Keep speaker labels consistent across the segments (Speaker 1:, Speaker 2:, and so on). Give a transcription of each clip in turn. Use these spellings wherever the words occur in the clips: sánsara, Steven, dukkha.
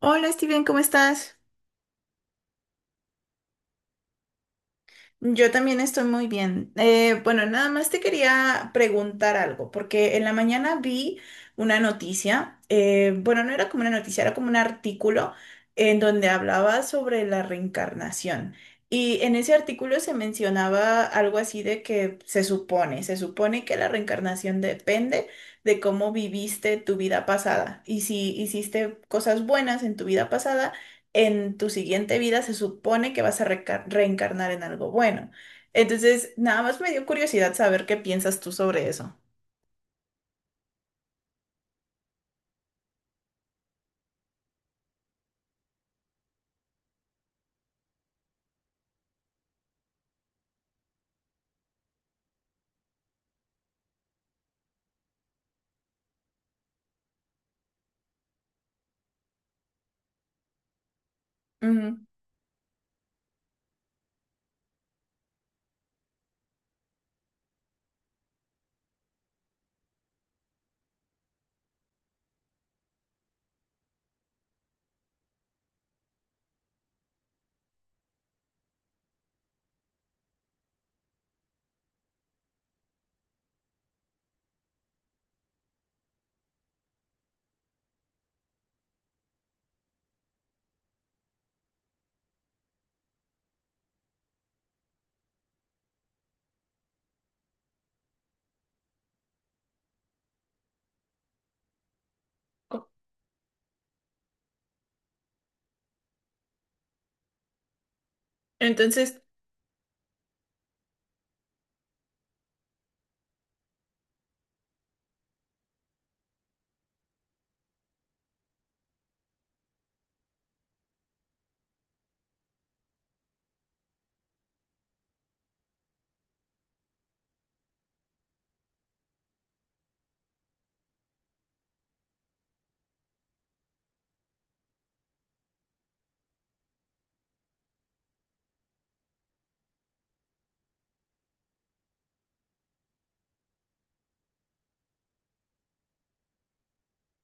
Speaker 1: Hola Steven, ¿cómo estás? Yo también estoy muy bien. Bueno, Nada más te quería preguntar algo, porque en la mañana vi una noticia, bueno, no era como una noticia, era como un artículo en donde hablaba sobre la reencarnación. Y en ese artículo se mencionaba algo así de que se supone que la reencarnación depende de cómo viviste tu vida pasada y si hiciste cosas buenas en tu vida pasada, en tu siguiente vida se supone que vas a reencarnar en algo bueno. Entonces, nada más me dio curiosidad saber qué piensas tú sobre eso. Ujú. Co- Entonces,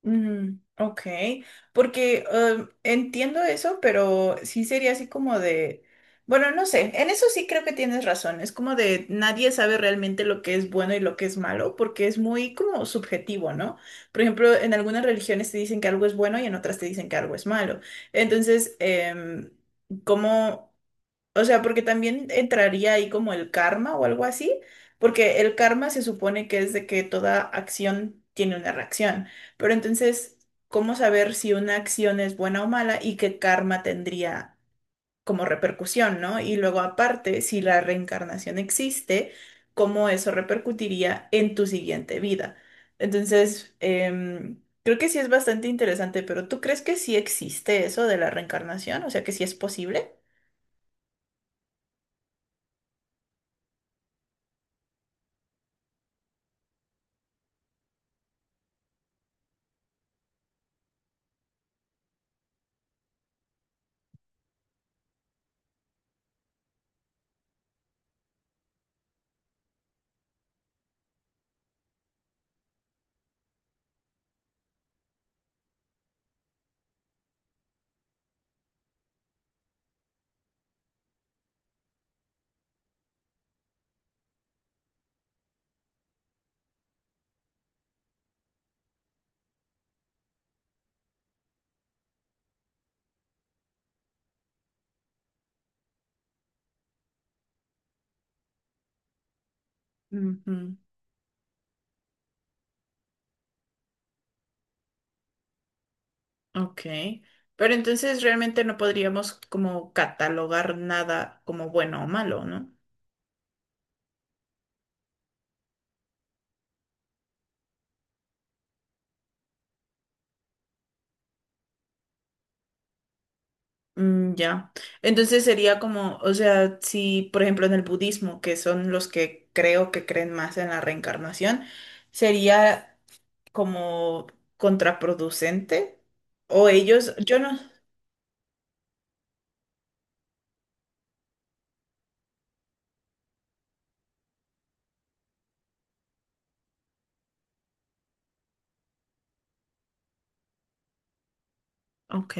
Speaker 1: mm, ok, porque entiendo eso, pero sí sería así como de, bueno, no sé, en eso sí creo que tienes razón, es como de nadie sabe realmente lo que es bueno y lo que es malo, porque es muy como subjetivo, ¿no? Por ejemplo, en algunas religiones te dicen que algo es bueno y en otras te dicen que algo es malo. Entonces, ¿cómo... O sea, porque también entraría ahí como el karma o algo así, porque el karma se supone que es de que toda acción tiene una reacción. Pero entonces, ¿cómo saber si una acción es buena o mala y qué karma tendría como repercusión, ¿no? Y luego aparte, si la reencarnación existe, ¿cómo eso repercutiría en tu siguiente vida? Entonces, creo que sí es bastante interesante, pero ¿tú crees que sí existe eso de la reencarnación? O sea, que sí es posible. Ujú. Ok. Pero entonces realmente no podríamos como catalogar nada como bueno o malo, ¿no? Mm, ya. Entonces sería como, o sea, si por ejemplo en el budismo, que son los que creo que creen más en la reencarnación, sería como contraproducente o ellos, yo no. Ok,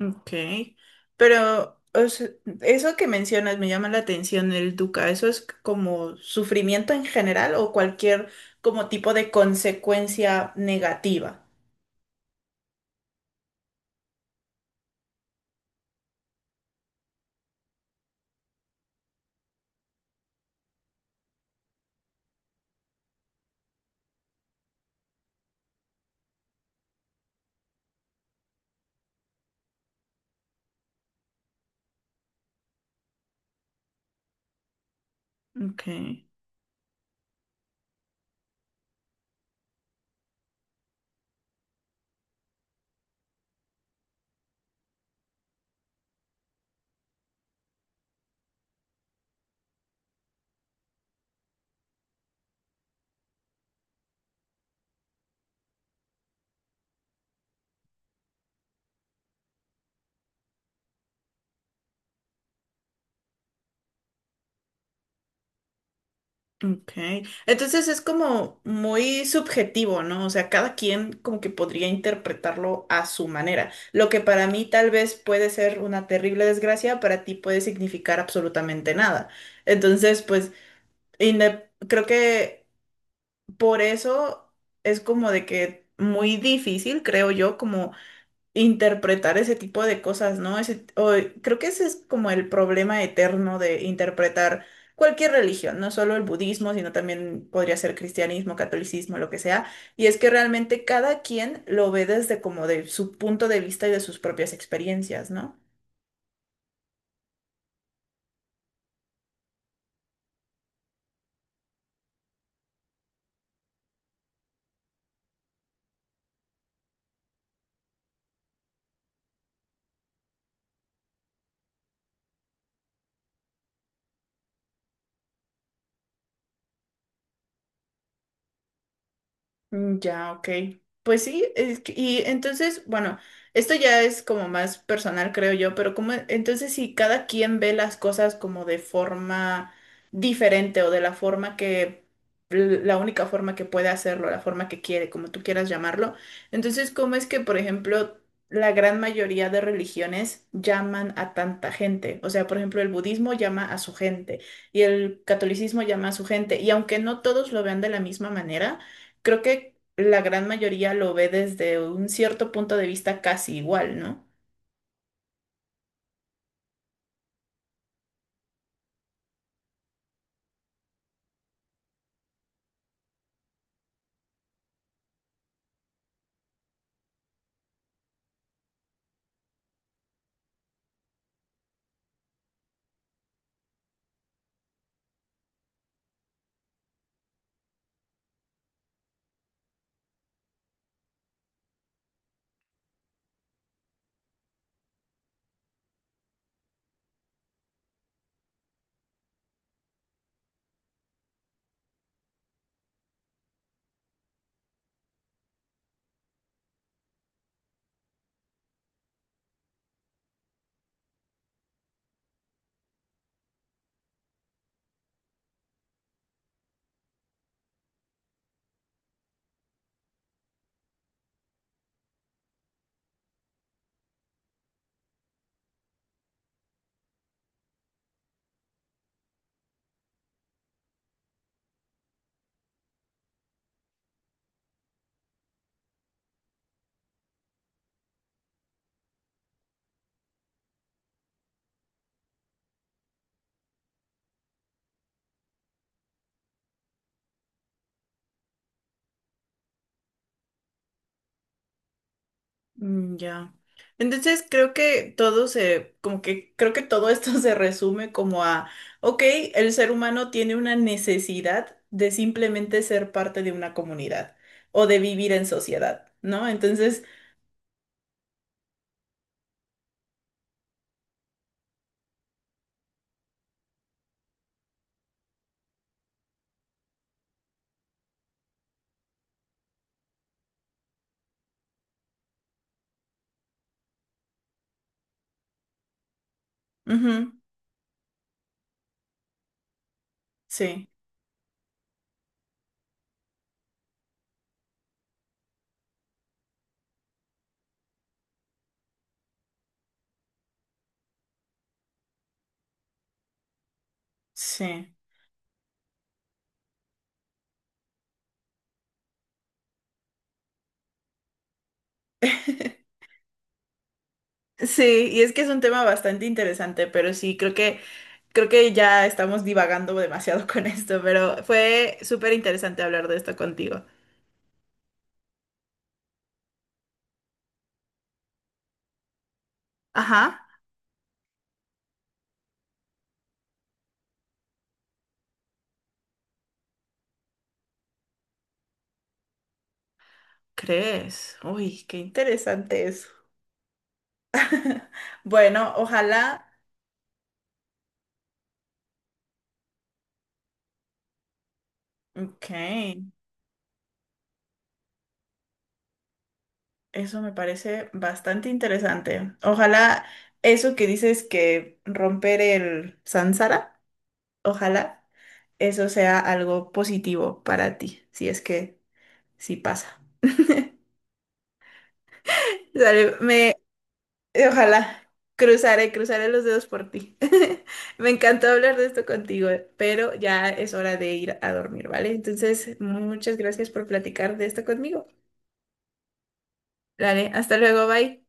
Speaker 1: ok. Pero o sea, eso que mencionas me llama la atención, el dukkha. ¿Eso es como sufrimiento en general o cualquier como tipo de consecuencia negativa? Ok. Ok, entonces es como muy subjetivo, ¿no? O sea, cada quien como que podría interpretarlo a su manera. Lo que para mí tal vez puede ser una terrible desgracia, para ti puede significar absolutamente nada. Entonces, pues, creo que por eso es como de que muy difícil, creo yo, como interpretar ese tipo de cosas, ¿no? Creo que ese es como el problema eterno de interpretar cualquier religión, no solo el budismo, sino también podría ser cristianismo, catolicismo, lo que sea, y es que realmente cada quien lo ve desde como de su punto de vista y de sus propias experiencias, ¿no? Mm, ya, ok. Pues sí, y entonces, bueno, esto ya es como más personal, creo yo, pero como entonces si cada quien ve las cosas como de forma diferente o de la forma que, la única forma que puede hacerlo, la forma que quiere, como tú quieras llamarlo, entonces, ¿cómo es que, por ejemplo, la gran mayoría de religiones llaman a tanta gente? O sea, por ejemplo, el budismo llama a su gente y el catolicismo llama a su gente, y aunque no todos lo vean de la misma manera, creo que la gran mayoría lo ve desde un cierto punto de vista casi igual, ¿no? Mm, ya. Entonces creo que todo se, como que creo que todo esto se resume como a, ok, el ser humano tiene una necesidad de simplemente ser parte de una comunidad o de vivir en sociedad, ¿no? Entonces, ujú, sí, sí. Sí, y es que es un tema bastante interesante, pero sí, creo que creo que ya estamos divagando demasiado con esto, pero fue súper interesante hablar de esto contigo. Ajá, ¿crees? Uy, qué interesante eso. Bueno, ojalá. Ok, eso me parece bastante interesante. Ojalá eso que dices que romper el sánsara, ojalá eso sea algo positivo para ti, si es que sí pasa. Dale, me ojalá. Cruzaré, cruzaré los dedos por ti. Me encantó hablar de esto contigo, pero ya es hora de ir a dormir, ¿vale? Entonces, muchas gracias por platicar de esto conmigo. Dale, hasta luego, bye.